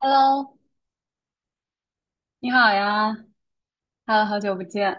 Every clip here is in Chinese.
Hello，你好呀，Hello，好久不见。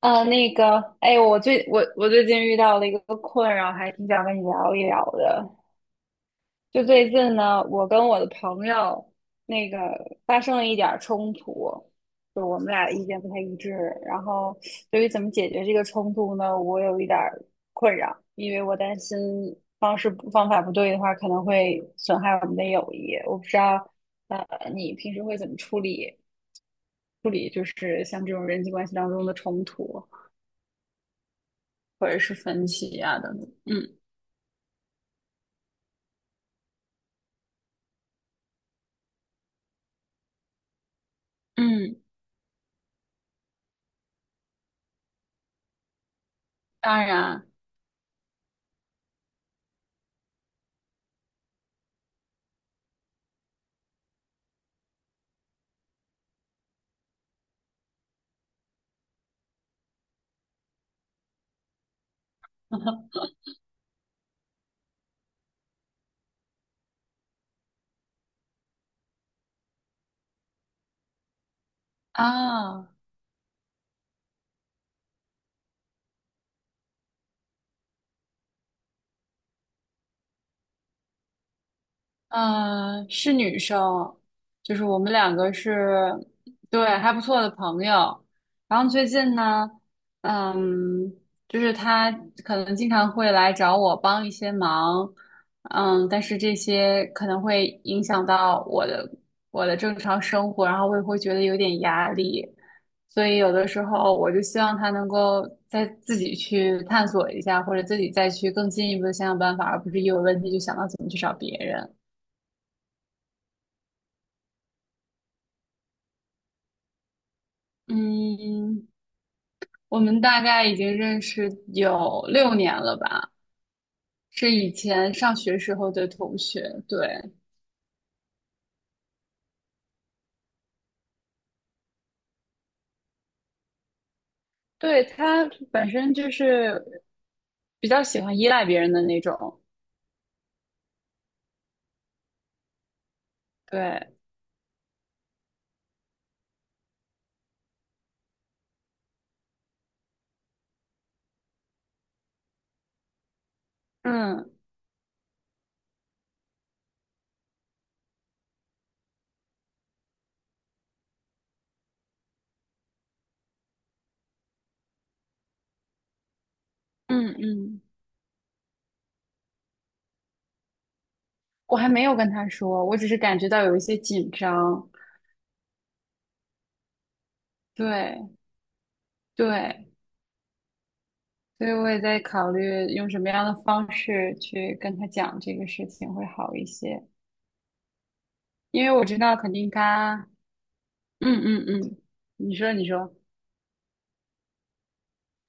那个，哎，我最近遇到了一个困扰，还挺想跟你聊一聊的。就最近呢，我跟我的朋友那个发生了一点儿冲突，就我们俩意见不太一致。然后对于怎么解决这个冲突呢，我有一点儿困扰，因为我担心方法不对的话，可能会损害我们的友谊。我不知道，呃，你平时会怎么处理？处理，就是像这种人际关系当中的冲突或者是分歧啊等等。嗯嗯，当然 啊。嗯，是女生，就是我们两个是，对，还不错的朋友。然后最近呢，嗯，就是她可能经常会来找我帮一些忙，嗯，但是这些可能会影响到我的正常生活，然后我也会觉得有点压力，所以有的时候我就希望她能够再自己去探索一下，或者自己再去更进一步的想想办法，而不是一有问题就想到怎么去找别人。嗯，我们大概已经认识有6年了吧，是以前上学时候的同学。对，对，他本身就是比较喜欢依赖别人的那种。对，嗯嗯嗯，我还没有跟他说，我只是感觉到有一些紧张。对对，所以我也在考虑用什么样的方式去跟他讲这个事情会好一些，因为我知道肯定他，嗯嗯嗯，你说你说。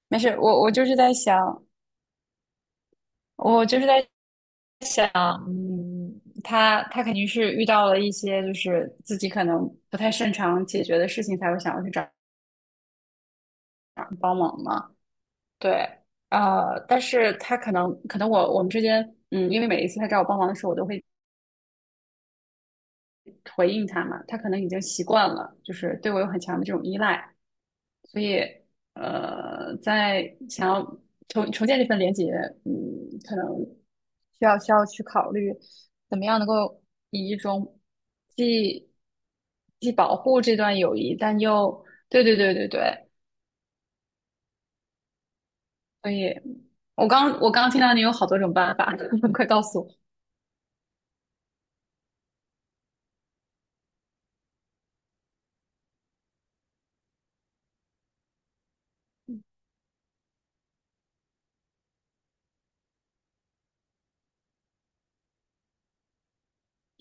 没事，我就是在想，我就是在想，嗯，他肯定是遇到了一些就是自己可能不太擅长解决的事情，才会想要去找找人帮忙嘛。对，但是他可能我们之间，嗯，因为每一次他找我帮忙的时候，我都会回应他嘛，他可能已经习惯了，就是对我有很强的这种依赖，所以在想要重建这份连接，嗯，可能需要去考虑怎么样能够以一种既既保护这段友谊，但又对对对对对，所以我刚听到你有好多种办法，快告诉我，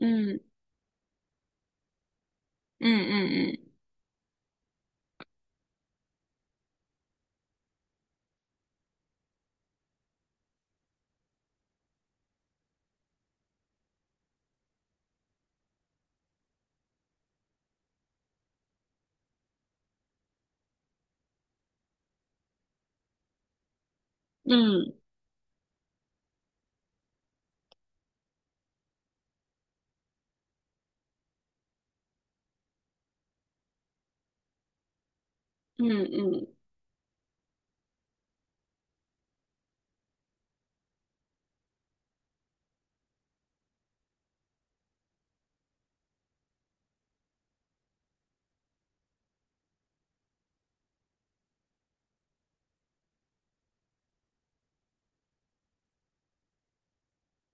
嗯嗯嗯嗯嗯嗯嗯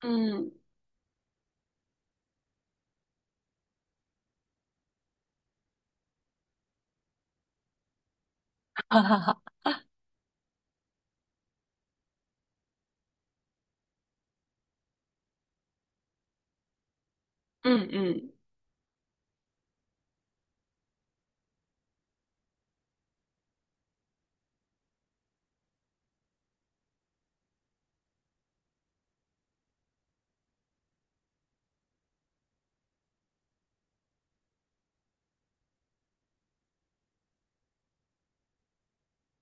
嗯，哈哈哈，嗯嗯。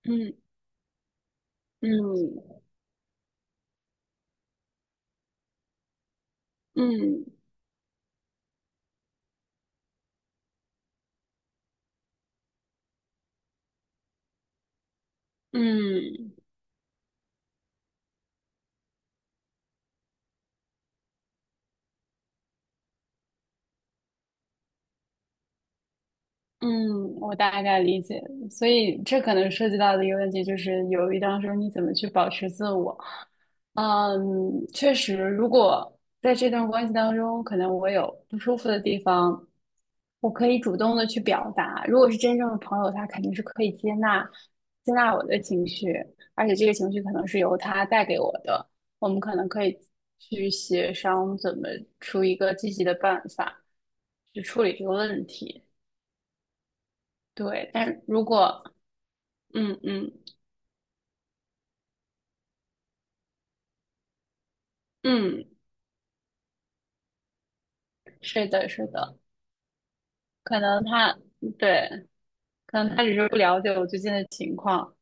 嗯嗯嗯嗯，嗯，我大概理解，所以这可能涉及到的一个问题就是，犹豫当中你怎么去保持自我？嗯，确实，如果在这段关系当中，可能我有不舒服的地方，我可以主动的去表达。如果是真正的朋友，他肯定是可以接纳我的情绪，而且这个情绪可能是由他带给我的，我们可能可以去协商怎么出一个积极的办法去处理这个问题。对，但如果嗯嗯嗯，是的，是的，可能他嗯对，可能他只是不了解我最近的情况。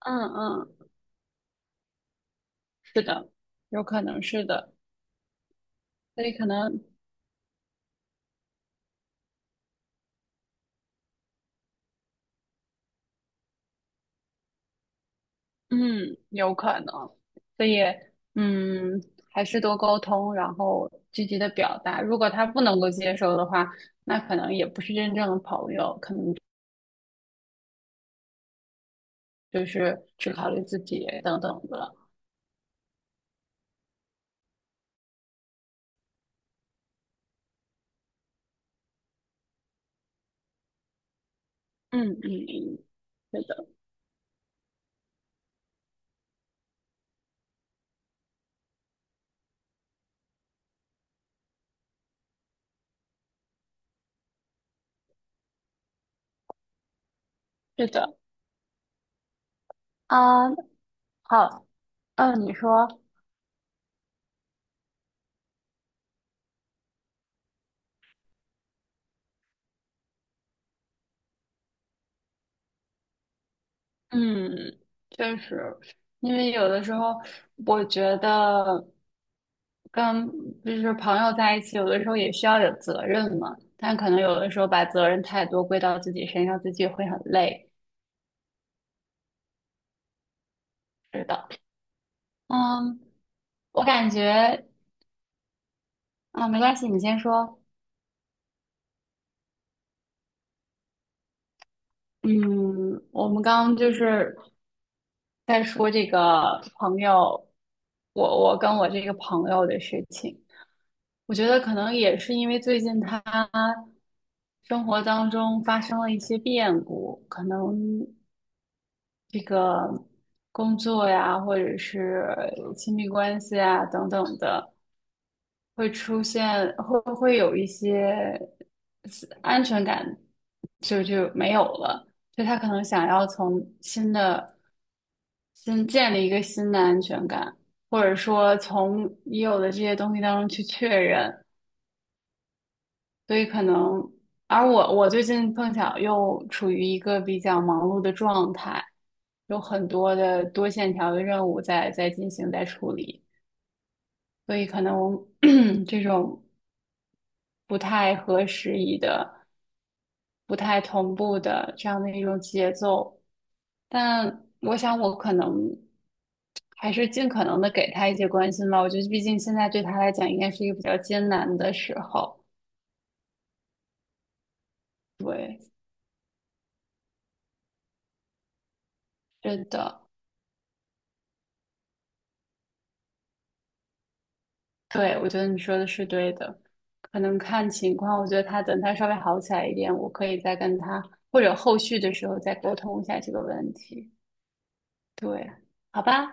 嗯嗯，是的，有可能是的，所以可能嗯，有可能，所以嗯，还是多沟通，然后积极的表达。如果他不能够接受的话，那可能也不是真正的朋友，可能就是只考虑自己等等的。嗯嗯嗯，是的，是的啊，好。嗯，你说，嗯，确实，因为有的时候我觉得跟就是朋友在一起，有的时候也需要有责任嘛，但可能有的时候把责任太多归到自己身上，自己会很累。是的，嗯，我感觉啊，没关系，你先说。嗯，我们刚刚就是再说这个朋友，我跟我这个朋友的事情，我觉得可能也是因为最近他生活当中发生了一些变故，可能这个工作呀，或者是亲密关系啊等等的，会出现会会有一些安全感就没有了，就他可能想要从新的。先建立一个新的安全感，或者说从已有的这些东西当中去确认。所以可能，而我最近碰巧又处于一个比较忙碌的状态，有很多的多线条的任务在进行在处理，所以可能 这种不太合时宜的。不太同步的这样的一种节奏。但我想，我可能还是尽可能的给他一些关心吧。我觉得，毕竟现在对他来讲，应该是一个比较艰难的时候。对，是的，对，我觉得你说的是对的。可能看情况，我觉得等他稍微好起来一点，我可以再跟他，或者后续的时候再沟通一下这个问题。对，好吧，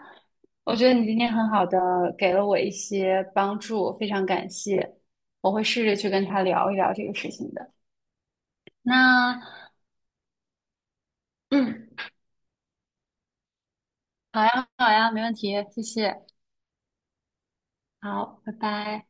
我觉得你今天很好的给了我一些帮助，非常感谢。我会试着去跟他聊一聊这个事情的。那，嗯，好呀，好呀，没问题，谢谢。好，拜拜。